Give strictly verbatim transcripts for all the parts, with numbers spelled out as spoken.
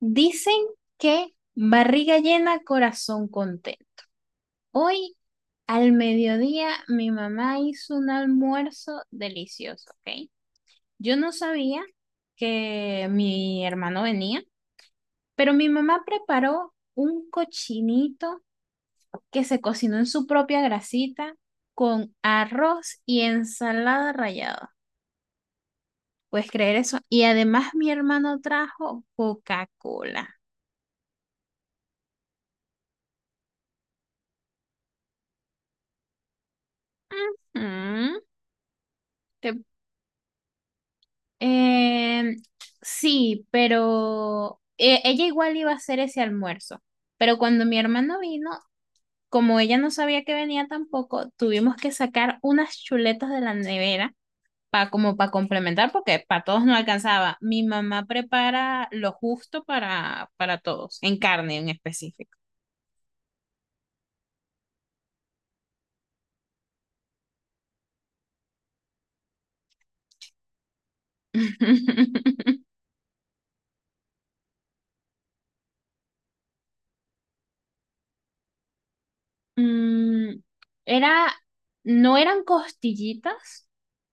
Dicen que barriga llena, corazón contento. Hoy al mediodía mi mamá hizo un almuerzo delicioso, ¿ok? Yo no sabía que mi hermano venía, pero mi mamá preparó un cochinito que se cocinó en su propia grasita con arroz y ensalada rallada. ¿Puedes creer eso? Y además mi hermano trajo Coca-Cola. Mm, ¿Te Em, sí, pero eh, ella igual iba a hacer ese almuerzo. Pero cuando mi hermano vino, como ella no sabía que venía tampoco, tuvimos que sacar unas chuletas de la nevera para como para complementar, porque para todos no alcanzaba. Mi mamá prepara lo justo para, para todos, en carne en específico. Mm, era, no eran costillitas,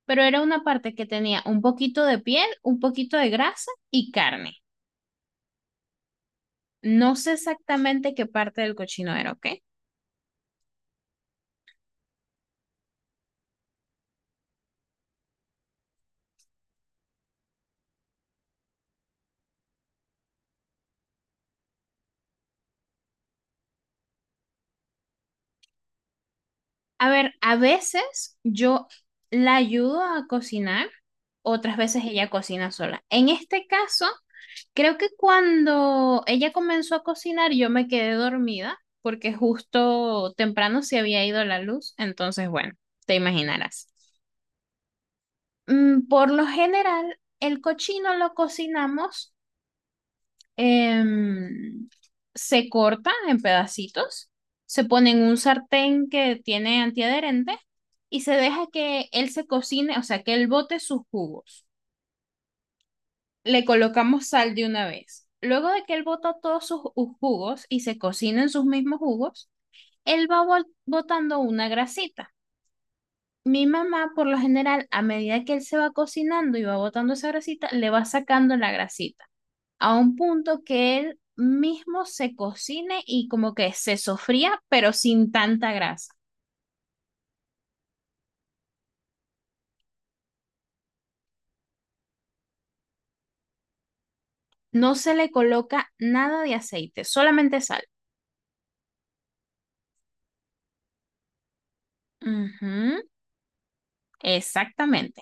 pero era una parte que tenía un poquito de piel, un poquito de grasa y carne. No sé exactamente qué parte del cochino era, ¿ok? A ver, a veces yo la ayudo a cocinar, otras veces ella cocina sola. En este caso, creo que cuando ella comenzó a cocinar, yo me quedé dormida porque justo temprano se había ido la luz, entonces bueno, te imaginarás. Mm. Por lo general, el cochino lo cocinamos, em, se corta en pedacitos, se pone en un sartén que tiene antiadherente y se deja que él se cocine, o sea, que él bote sus jugos. Le colocamos sal de una vez. Luego de que él bota todos sus ju- jugos y se cocinen sus mismos jugos, él va bol- botando una grasita. Mi mamá, por lo general, a medida que él se va cocinando y va botando esa grasita, le va sacando la grasita a un punto que él mismo se cocine y como que se sofría, pero sin tanta grasa. No se le coloca nada de aceite, solamente sal. Ujú, exactamente.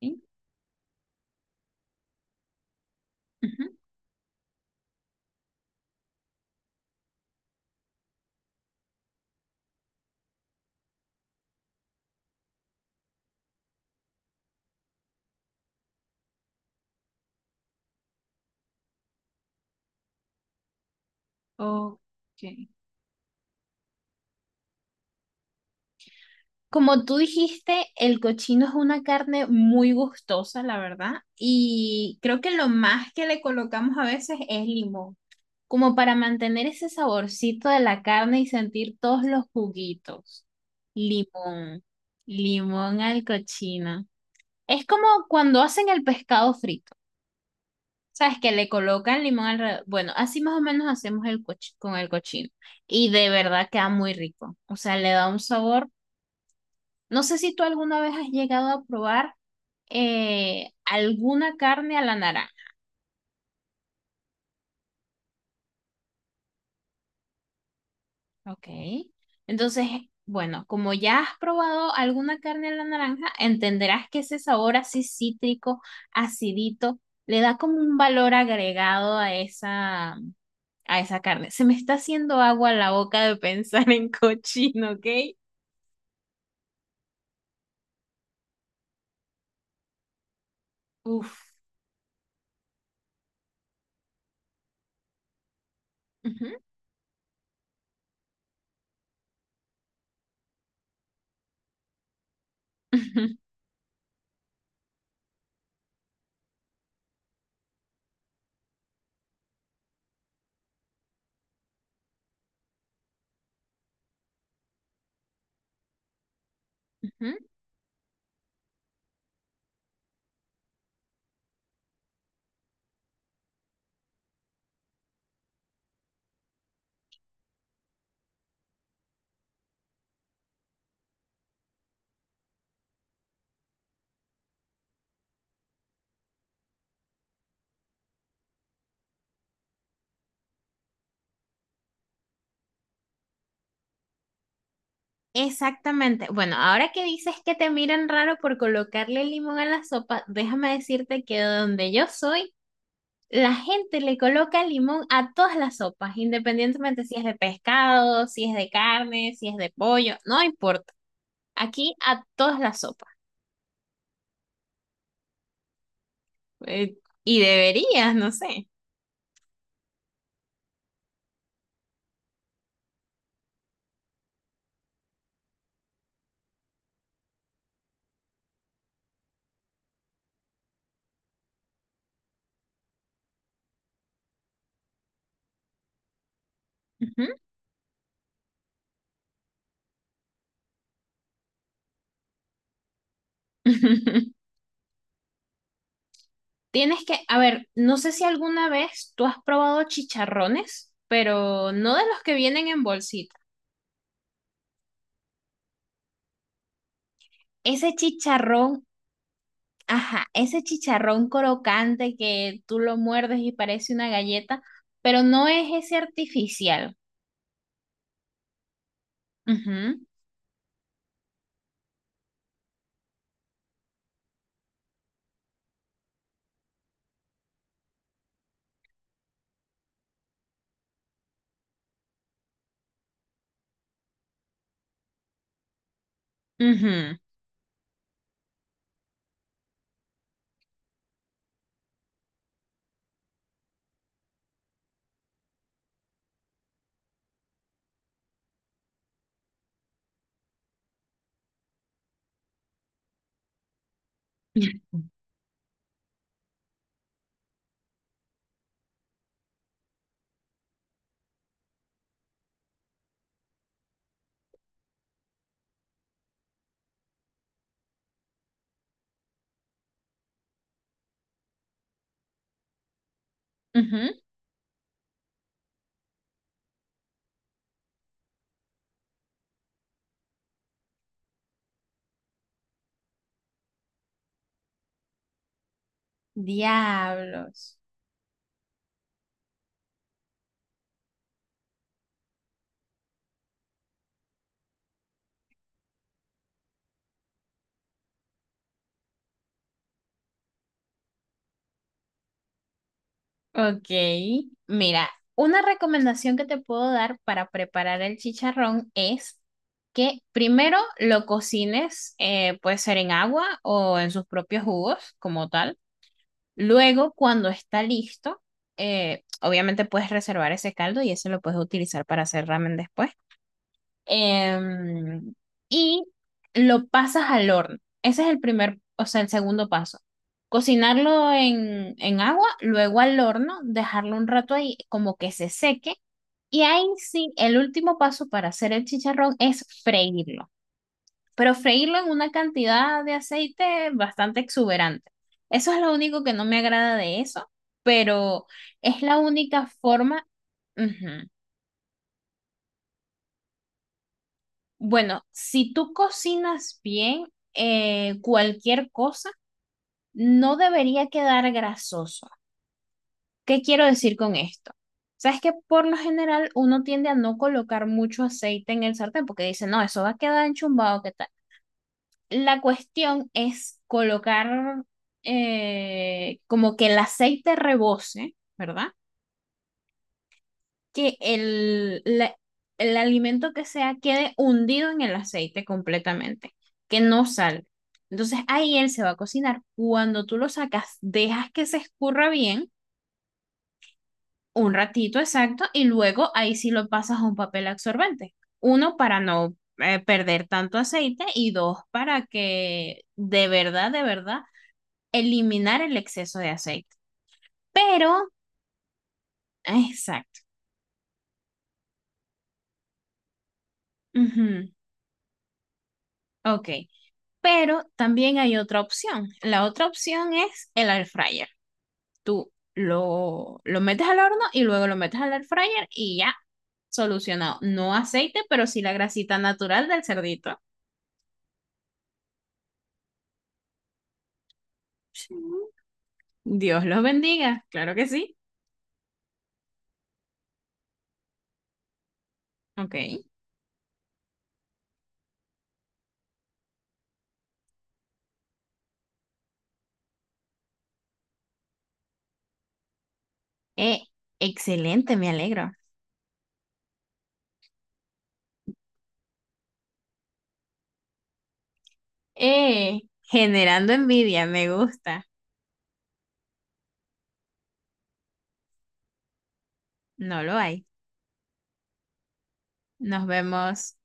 ¿Sí? Ujú. Ok. Como tú dijiste, el cochino es una carne muy gustosa, la verdad, y creo que lo más que le colocamos a veces es limón, como para mantener ese saborcito de la carne y sentir todos los juguitos. Limón, limón al cochino. Es como cuando hacen el pescado frito. ¿Sabes? Que le colocan limón alrededor. Bueno, así más o menos hacemos el coch- con el cochino. Y de verdad queda muy rico. O sea, le da un sabor. No sé si tú alguna vez has llegado a probar eh, alguna carne a la naranja. Ok. Entonces, bueno, como ya has probado alguna carne a la naranja, entenderás que ese sabor así cítrico, acidito, le da como un valor agregado a esa, a esa carne. Se me está haciendo agua la boca de pensar en cochino, ¿ok? Uf. Ujú, ujú, ujú. Exactamente. Bueno, ahora que dices que te miran raro por colocarle limón a la sopa, déjame decirte que donde yo soy, la gente le coloca limón a todas las sopas, independientemente si es de pescado, si es de carne, si es de pollo, no importa. Aquí a todas las sopas. Eh, y deberías, no sé. Ujú. Tienes que, a ver, no sé si alguna vez tú has probado chicharrones, pero no de los que vienen en bolsita. Ese chicharrón, ajá, ese chicharrón crocante que tú lo muerdes y parece una galleta, pero no es ese artificial. Ujú. Ujú, ujú. Diablos. Ok, mira, una recomendación que te puedo dar para preparar el chicharrón es que primero lo cocines, eh, puede ser en agua o en sus propios jugos como tal. Luego, cuando está listo, eh, obviamente puedes reservar ese caldo y ese lo puedes utilizar para hacer ramen después. Em, y lo pasas al horno. Ese es el primer, o sea, el segundo paso. Cocinarlo en, en agua, luego al horno, dejarlo un rato ahí como que se seque. Y ahí sí, el último paso para hacer el chicharrón es freírlo, pero freírlo en una cantidad de aceite bastante exuberante. Eso es lo único que no me agrada de eso, pero es la única forma. Ujú. Bueno, si tú cocinas bien eh, cualquier cosa, no debería quedar grasoso. ¿Qué quiero decir con esto? Sabes que por lo general uno tiende a no colocar mucho aceite en el sartén porque dice, no, eso va a quedar enchumbado, ¿qué tal? La cuestión es colocar eh, como que el aceite rebose, ¿verdad? que el, la- el alimento que sea quede hundido en el aceite completamente, que no salga. Entonces ahí él se va a cocinar. Cuando tú lo sacas, dejas que se escurra bien, un ratito exacto, y luego ahí sí lo pasas a un papel absorbente. Uno, para no eh, perder tanto aceite, y dos, para que de verdad, de verdad, eliminar el exceso de aceite. Pero, exacto. Ujú. Ok. Pero también hay otra opción. La otra opción es el air fryer. Tú lo, lo metes al horno y luego lo metes al air fryer y ya, solucionado. No aceite, pero sí la grasita natural del cerdito. Sí. Dios los bendiga, claro que sí. Ok. Eh, excelente, me alegro. Eh, generando envidia, me gusta. No lo hay. Nos vemos.